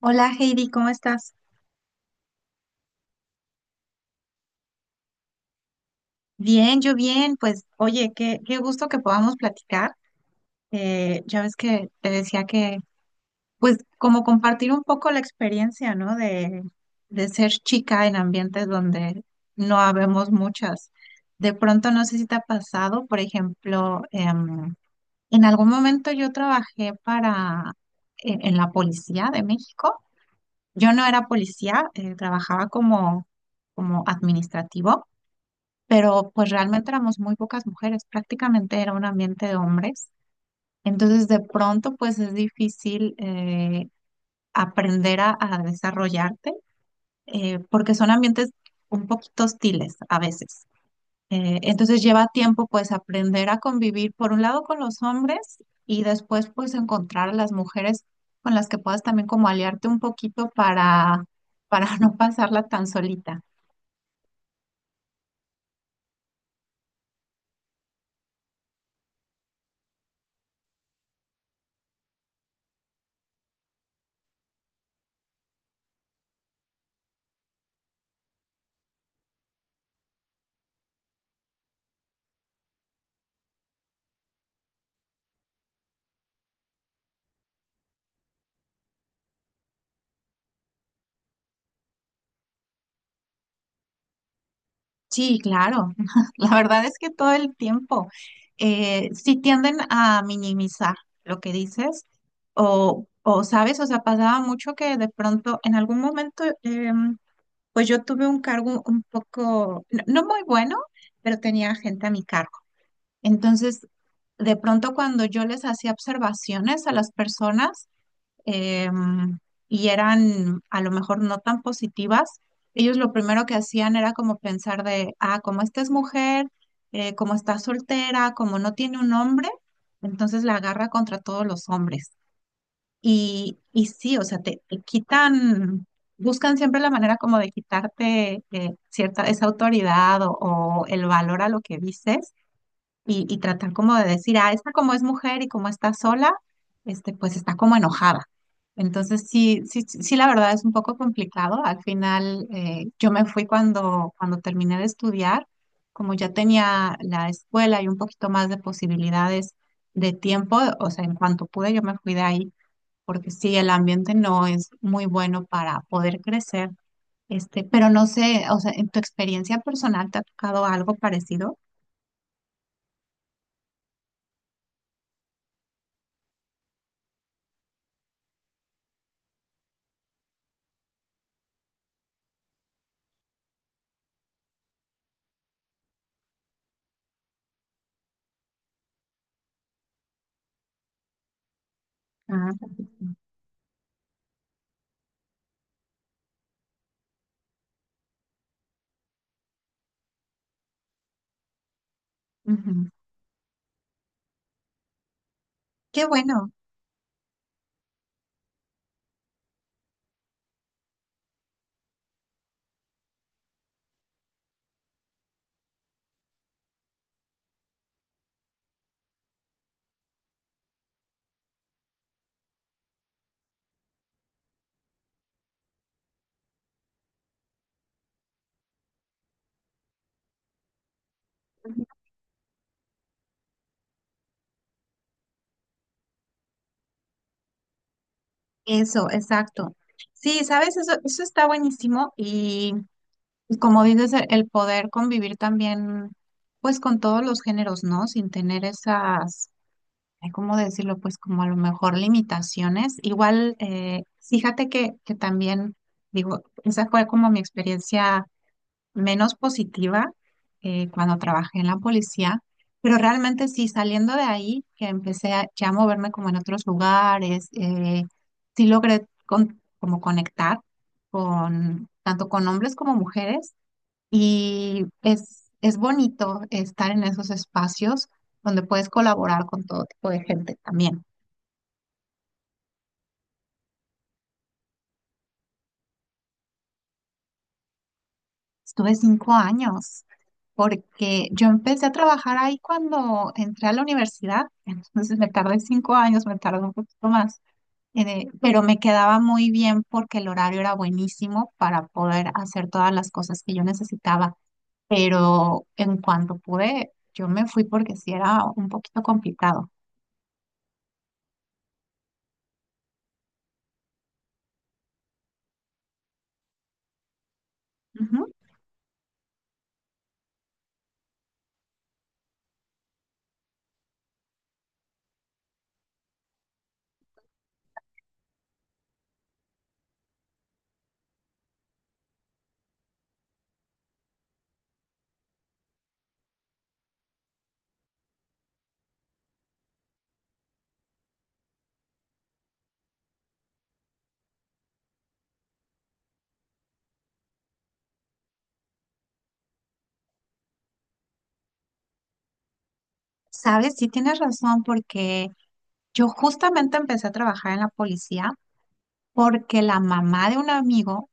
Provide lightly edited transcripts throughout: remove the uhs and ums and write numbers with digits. Hola Heidi, ¿cómo estás? Bien, yo bien. Pues oye, qué gusto que podamos platicar. Ya ves que te decía que, pues como compartir un poco la experiencia, ¿no? De ser chica en ambientes donde no habemos muchas. De pronto, no sé si te ha pasado, por ejemplo, en algún momento yo trabajé en la policía de México. Yo no era policía, trabajaba como administrativo. Pero pues realmente éramos muy pocas mujeres, prácticamente era un ambiente de hombres. Entonces de pronto pues es difícil aprender a desarrollarte porque son ambientes un poquito hostiles a veces. Entonces lleva tiempo pues aprender a convivir por un lado con los hombres y después pues encontrar a las mujeres con las que puedas también como aliarte un poquito para no pasarla tan solita. Sí, claro. La verdad es que todo el tiempo sí tienden a minimizar lo que dices sabes, o sea, pasaba mucho que de pronto en algún momento, pues yo tuve un cargo un poco, no, no muy bueno, pero tenía gente a mi cargo. Entonces, de pronto cuando yo les hacía observaciones a las personas, em, y eran a lo mejor no tan positivas, ellos lo primero que hacían era como pensar de, ah, como esta es mujer, como está soltera, como no tiene un hombre, entonces la agarra contra todos los hombres. Y sí, o sea, te quitan, buscan siempre la manera como de quitarte cierta, esa autoridad o el valor a lo que dices y tratar como de decir, ah, esta como es mujer y como está sola, este, pues está como enojada. Entonces, sí, sí, sí, sí, la verdad es un poco complicado. Al final, yo me fui cuando terminé de estudiar, como ya tenía la escuela y un poquito más de posibilidades de tiempo, o sea, en cuanto pude, yo me fui de ahí, porque sí, el ambiente no es muy bueno para poder crecer. Este, pero no sé, o sea, en tu experiencia personal, ¿te ha tocado algo parecido? Ah, perfecto. Ujú. Qué bueno, eso, exacto. Sí, sabes, eso está buenísimo y como dices, el poder convivir también, pues con todos los géneros, ¿no? Sin tener esas, ay, ¿cómo decirlo? Pues como a lo mejor limitaciones. Igual, fíjate que también, digo, esa fue como mi experiencia menos positiva cuando trabajé en la policía, pero realmente sí, saliendo de ahí, que empecé ya a moverme como en otros lugares, sí logré como conectar con tanto con hombres como mujeres y es bonito estar en esos espacios donde puedes colaborar con todo tipo de gente también. Estuve 5 años, porque yo empecé a trabajar ahí cuando entré a la universidad, entonces me tardé 5 años, me tardé un poquito más, pero me quedaba muy bien porque el horario era buenísimo para poder hacer todas las cosas que yo necesitaba, pero en cuanto pude, yo me fui porque sí era un poquito complicado. Ujú. Sabes, sí tienes razón, porque yo justamente empecé a trabajar en la policía porque la mamá de un amigo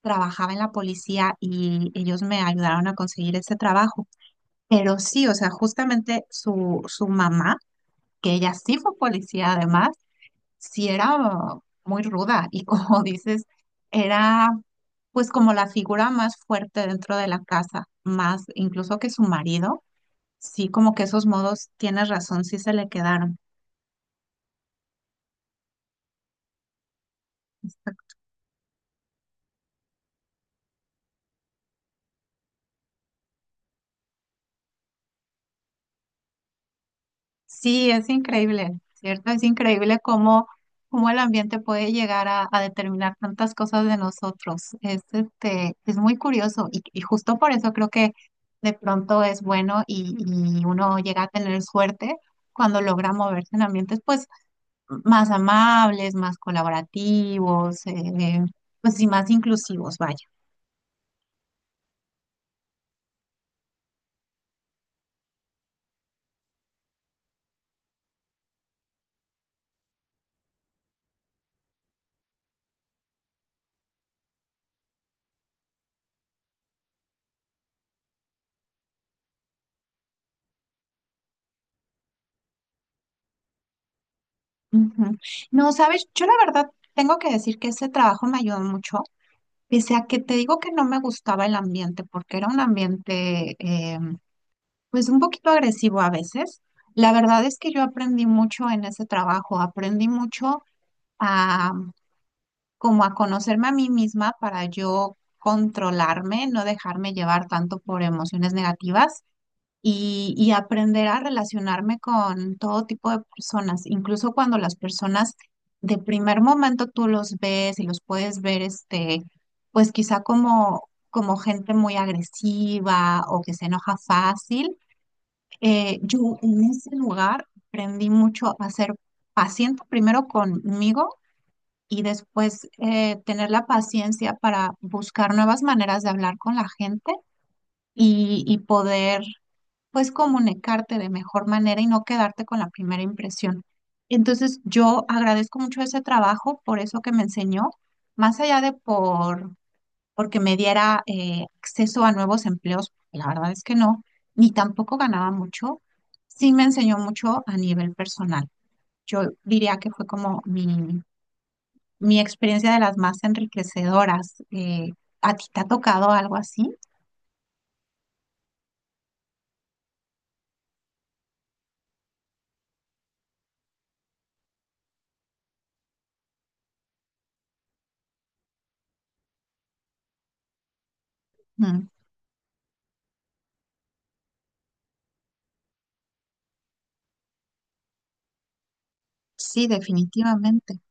trabajaba en la policía y ellos me ayudaron a conseguir ese trabajo. Pero sí, o sea, justamente su mamá, que ella sí fue policía además, sí era muy ruda y como dices, era pues como la figura más fuerte dentro de la casa, más incluso que su marido, sí como que esos modos, tienes razón, sí se le quedaron. Sí, es increíble, ¿cierto? Es increíble cómo el ambiente puede llegar a determinar tantas cosas de nosotros. Es muy curioso y justo por eso creo que de pronto es bueno y uno llega a tener suerte cuando logra moverse en ambientes pues más amables, más colaborativos, pues y más inclusivos, vaya. Ujú. No, sabes, yo la verdad tengo que decir que ese trabajo me ayudó mucho. Pese a que te digo que no me gustaba el ambiente, porque era un ambiente pues un poquito agresivo a veces, la verdad es que yo aprendí mucho en ese trabajo, aprendí mucho a como a conocerme a mí misma para yo controlarme, no dejarme llevar tanto por emociones negativas y aprender a relacionarme con todo tipo de personas, incluso cuando las personas de primer momento tú los ves y los puedes ver, este, pues quizá como, gente muy agresiva o que se enoja fácil. Yo en ese lugar aprendí mucho a ser paciente primero conmigo. Y después tener la paciencia para buscar nuevas maneras de hablar con la gente y poder pues comunicarte de mejor manera y no quedarte con la primera impresión. Entonces, yo agradezco mucho ese trabajo por eso que me enseñó, más allá de porque me diera acceso a nuevos empleos, la verdad es que no, ni tampoco ganaba mucho, sí me enseñó mucho a nivel personal. Yo diría que fue como mi experiencia de las más enriquecedoras. ¿A ti te ha tocado algo así? Mm, sí, definitivamente.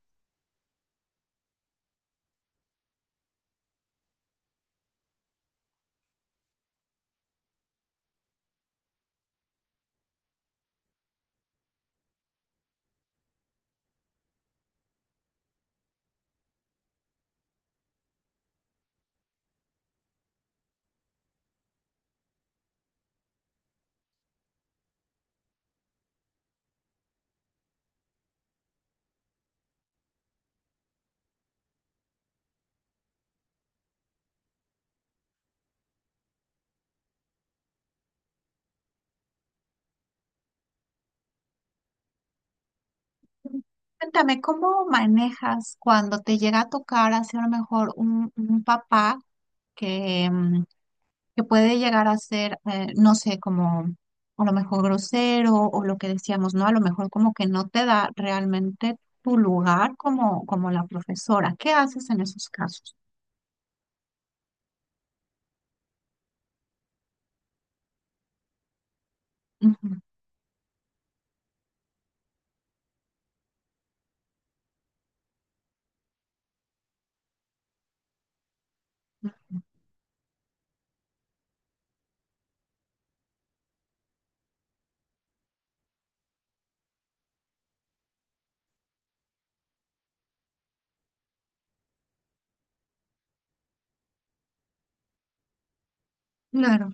Cuéntame, ¿cómo manejas cuando te llega a tocar hacer a lo mejor un papá que, mm, que puede llegar a ser, no sé, como a lo mejor grosero o lo que decíamos, ¿no? A lo mejor como que no te da realmente tu lugar como la profesora. ¿Qué haces en esos casos? Ujú, ujú. Claro.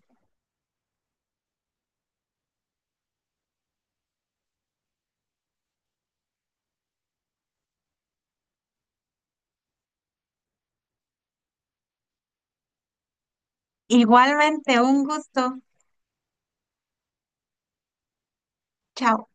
Igualmente, un gusto. Chao.